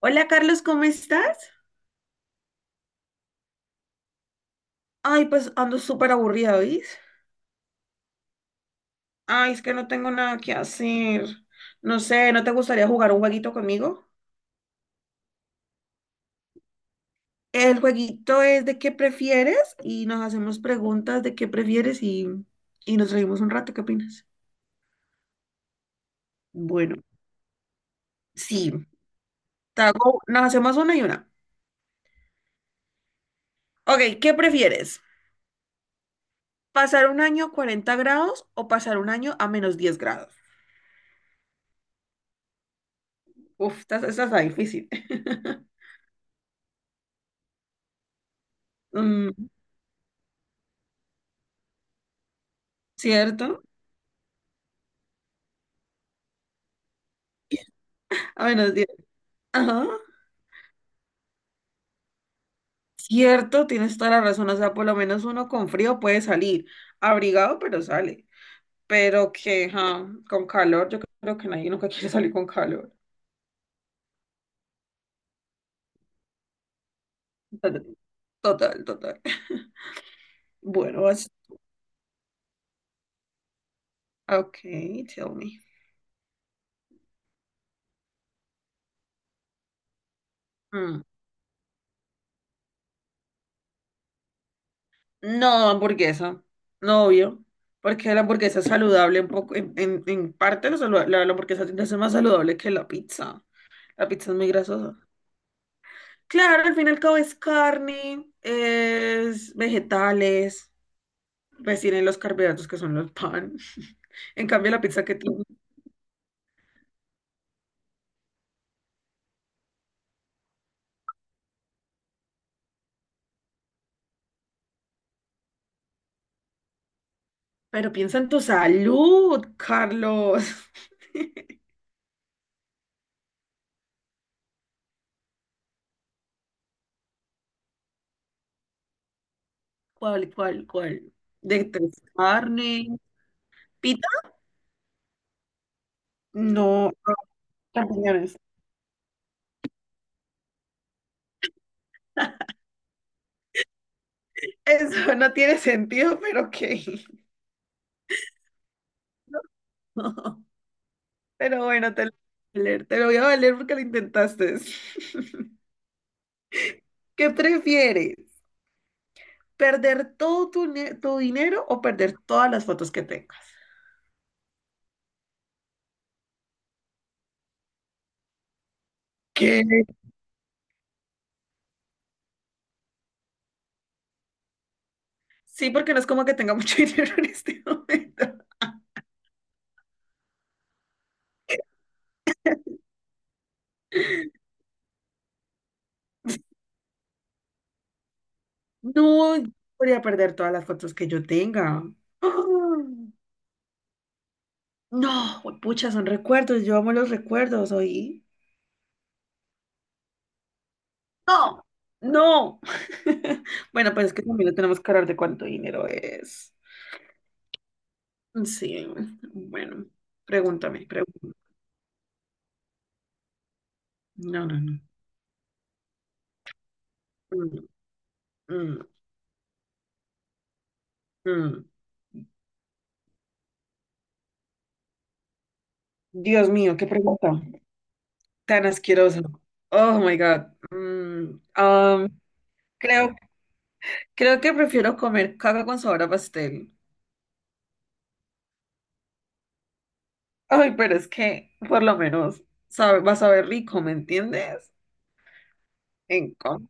Hola Carlos, ¿cómo estás? Ay, pues ando súper aburrida, ¿oís? Ay, es que no tengo nada que hacer. No sé, ¿no te gustaría jugar un jueguito conmigo? El jueguito es de qué prefieres y nos hacemos preguntas de qué prefieres y nos reímos un rato, ¿qué opinas? Bueno, sí, nos hacemos una y una. Ok, ¿qué prefieres? ¿Pasar un año a 40 grados o pasar un año a -10 grados? Uf, esta está difícil. Mm. ¿Cierto? A menos 10. Ajá. Cierto, tienes toda la razón, o sea, por lo menos uno con frío puede salir, abrigado, pero sale, pero que ja, con calor, yo creo que nadie nunca quiere salir con calor. Total, total. Bueno, vas. Ok, tell me. Mm. No, hamburguesa, no obvio, porque la hamburguesa es saludable un poco, en parte la hamburguesa tiende a ser más saludable que la pizza. La pizza es muy grasosa. Claro, al fin y al cabo es carne, es vegetales, pues tienen los carbohidratos que son los pan. En cambio, la pizza que tiene. Pero piensa en tu salud, Carlos. ¿Cuál, cuál, cuál? De tres carne, pita. No, no, champiñones. Eso no tiene sentido, pero ok. Pero bueno, te lo voy a valer, te lo voy a valer porque lo intentaste. ¿Qué prefieres? ¿Perder todo tu dinero o perder todas las fotos que tengas? ¿Qué? Sí, porque no es como que tenga mucho dinero en este momento. No, yo podría perder todas las fotos que yo tenga. ¡Ah! No, pucha, son recuerdos. Yo amo los recuerdos, ¿oí? No, no. Bueno, pues es que también no tenemos que hablar de cuánto dinero es. Sí, bueno, pregúntame, pregúntame. No, no, no. Mm, mm, mm. Dios mío, qué pregunta tan asquerosa. Oh my God. Mm, um, creo Creo que prefiero comer caca con sabor a pastel. Ay, pero es que por lo menos sabe, va a saber rico, ¿me entiendes? En com-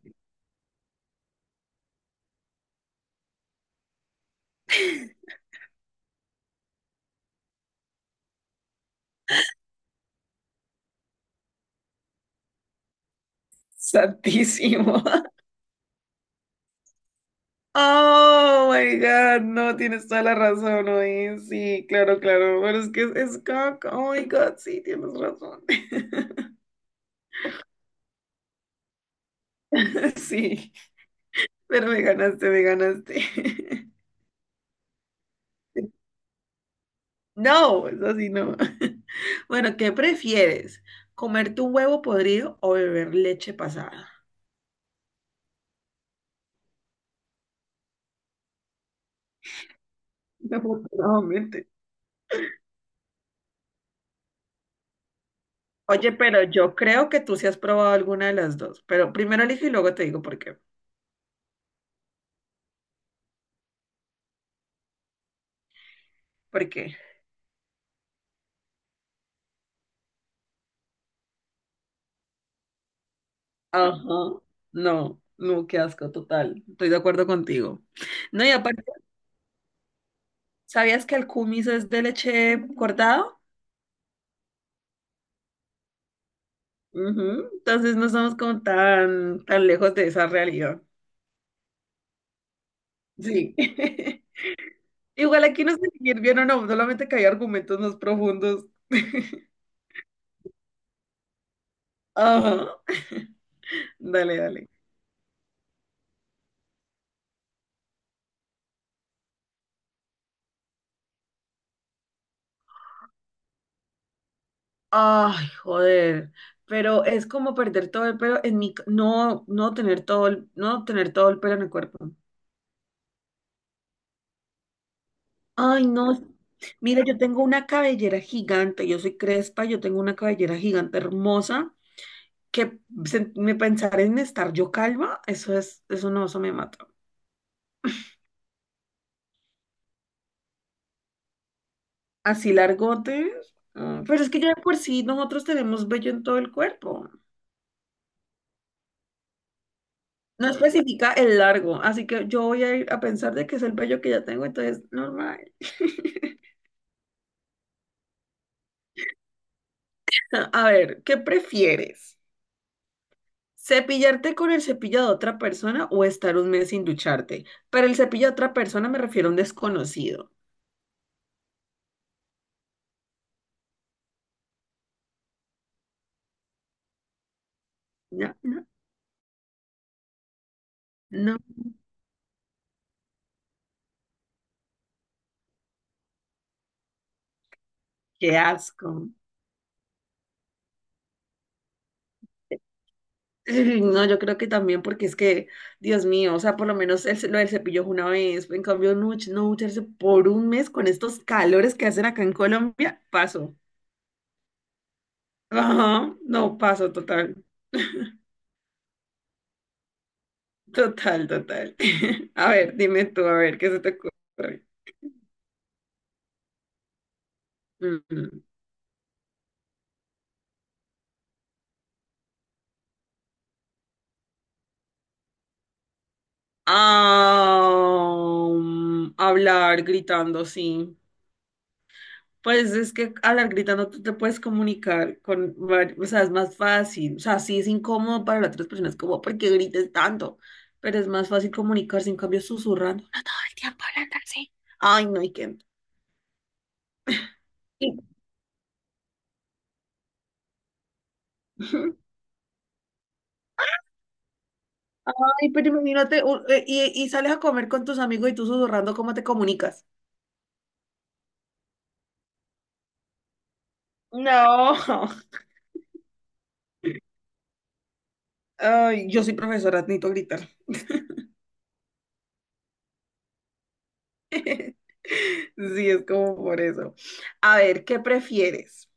Santísimo. Oh my God, no, tienes toda la razón, oye, sí, claro, claro, pero es que es caca, oh my God, sí, tienes razón. Sí, pero me ganaste, me ganaste. No, eso sí no. Bueno, ¿qué prefieres? ¿Comer tu huevo podrido o beber leche pasada? Afortunadamente. Oye, pero yo creo que tú sí has probado alguna de las dos. Pero primero elijo y luego te digo por qué. ¿Por qué? Ajá. No, no, qué asco, total. Estoy de acuerdo contigo. No, y aparte, ¿sabías que el kumis es de leche cortado? Ujú. Entonces no estamos como tan, tan lejos de esa realidad. Sí. Igual aquí no sé si ir bien o no, solamente que hay argumentos más profundos. Ajá. Dale, dale. Ay, joder, pero es como perder todo el pelo en mi, no, no tener todo el pelo en el cuerpo. Ay, no, mira, yo tengo una cabellera gigante, yo soy crespa, yo tengo una cabellera gigante hermosa, que me pensar en estar yo calva, eso es, eso no, eso me mata. Así largote, mm, pero es que ya de por sí nosotros tenemos vello en todo el cuerpo. No especifica el largo, así que yo voy a ir a pensar de que es el vello que ya tengo, entonces normal. A ver, ¿qué prefieres? ¿Cepillarte con el cepillo de otra persona o estar un mes sin ducharte? Pero el cepillo de otra persona me refiero a un desconocido. No, no, no, qué asco. Ay, no, yo creo que también porque es que, Dios mío, o sea, por lo menos el, lo del cepillo es una vez. En cambio, no, no ducharse por un mes con estos calores que hacen acá en Colombia, paso. Ajá, no, paso total, total, total. A ver, dime tú, a ver, ¿qué se te ocurre? Mm. Ah, hablar gritando, sí. Pues es que hablar gritando tú te puedes comunicar con, o sea, es más fácil. O sea, sí es incómodo para las otras personas, como, ¿por qué grites tanto? Pero es más fácil comunicarse, en cambio, susurrando. No todo el tiempo hablando así. Ay, no, y qué. Y- Ay, pero imagínate, y sales a comer con tus amigos y tú susurrando, ¿cómo te comunicas? No. Ay, yo soy profesora, necesito gritar. Sí, es como por eso. A ver, ¿qué prefieres?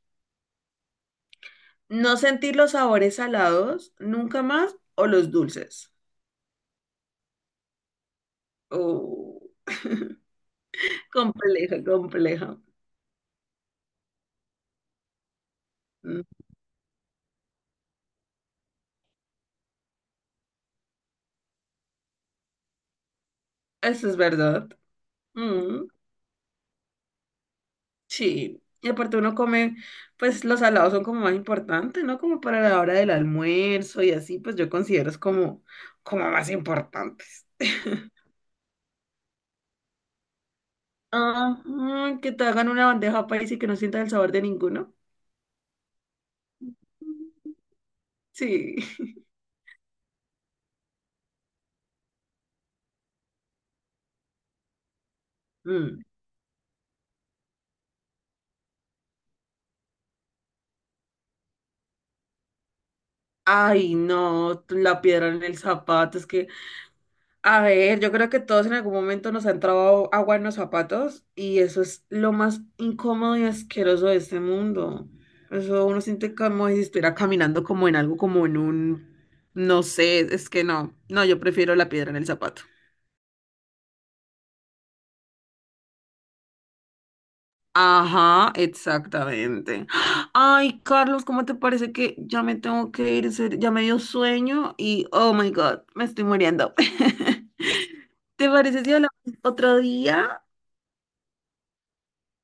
¿No sentir los sabores salados nunca más o los dulces? Oh, compleja, compleja. Mm. Eso es verdad. Mm, sí. Y aparte uno come, pues los salados son como más importantes, ¿no? Como para la hora del almuerzo y así, pues yo considero es como, como más importantes. Ajá, que te hagan una bandeja paisa y que no sientas el sabor de ninguno. Sí. Mm. Ay, no, la piedra en el zapato, es que, a ver, yo creo que todos en algún momento nos ha entrado agua en los zapatos y eso es lo más incómodo y asqueroso de este mundo. Eso uno siente como si estuviera caminando como en algo, como en un, no sé, es que no, no, yo prefiero la piedra en el zapato. Ajá, exactamente. Ay, Carlos, ¿cómo te parece que ya me tengo que ir? En serio, ya me dio sueño y, oh my God, me estoy muriendo. ¿Te parece si hablamos otro día?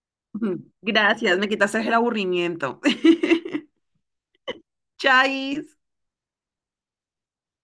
Ujú. Gracias, me quitaste el aburrimiento. Chais.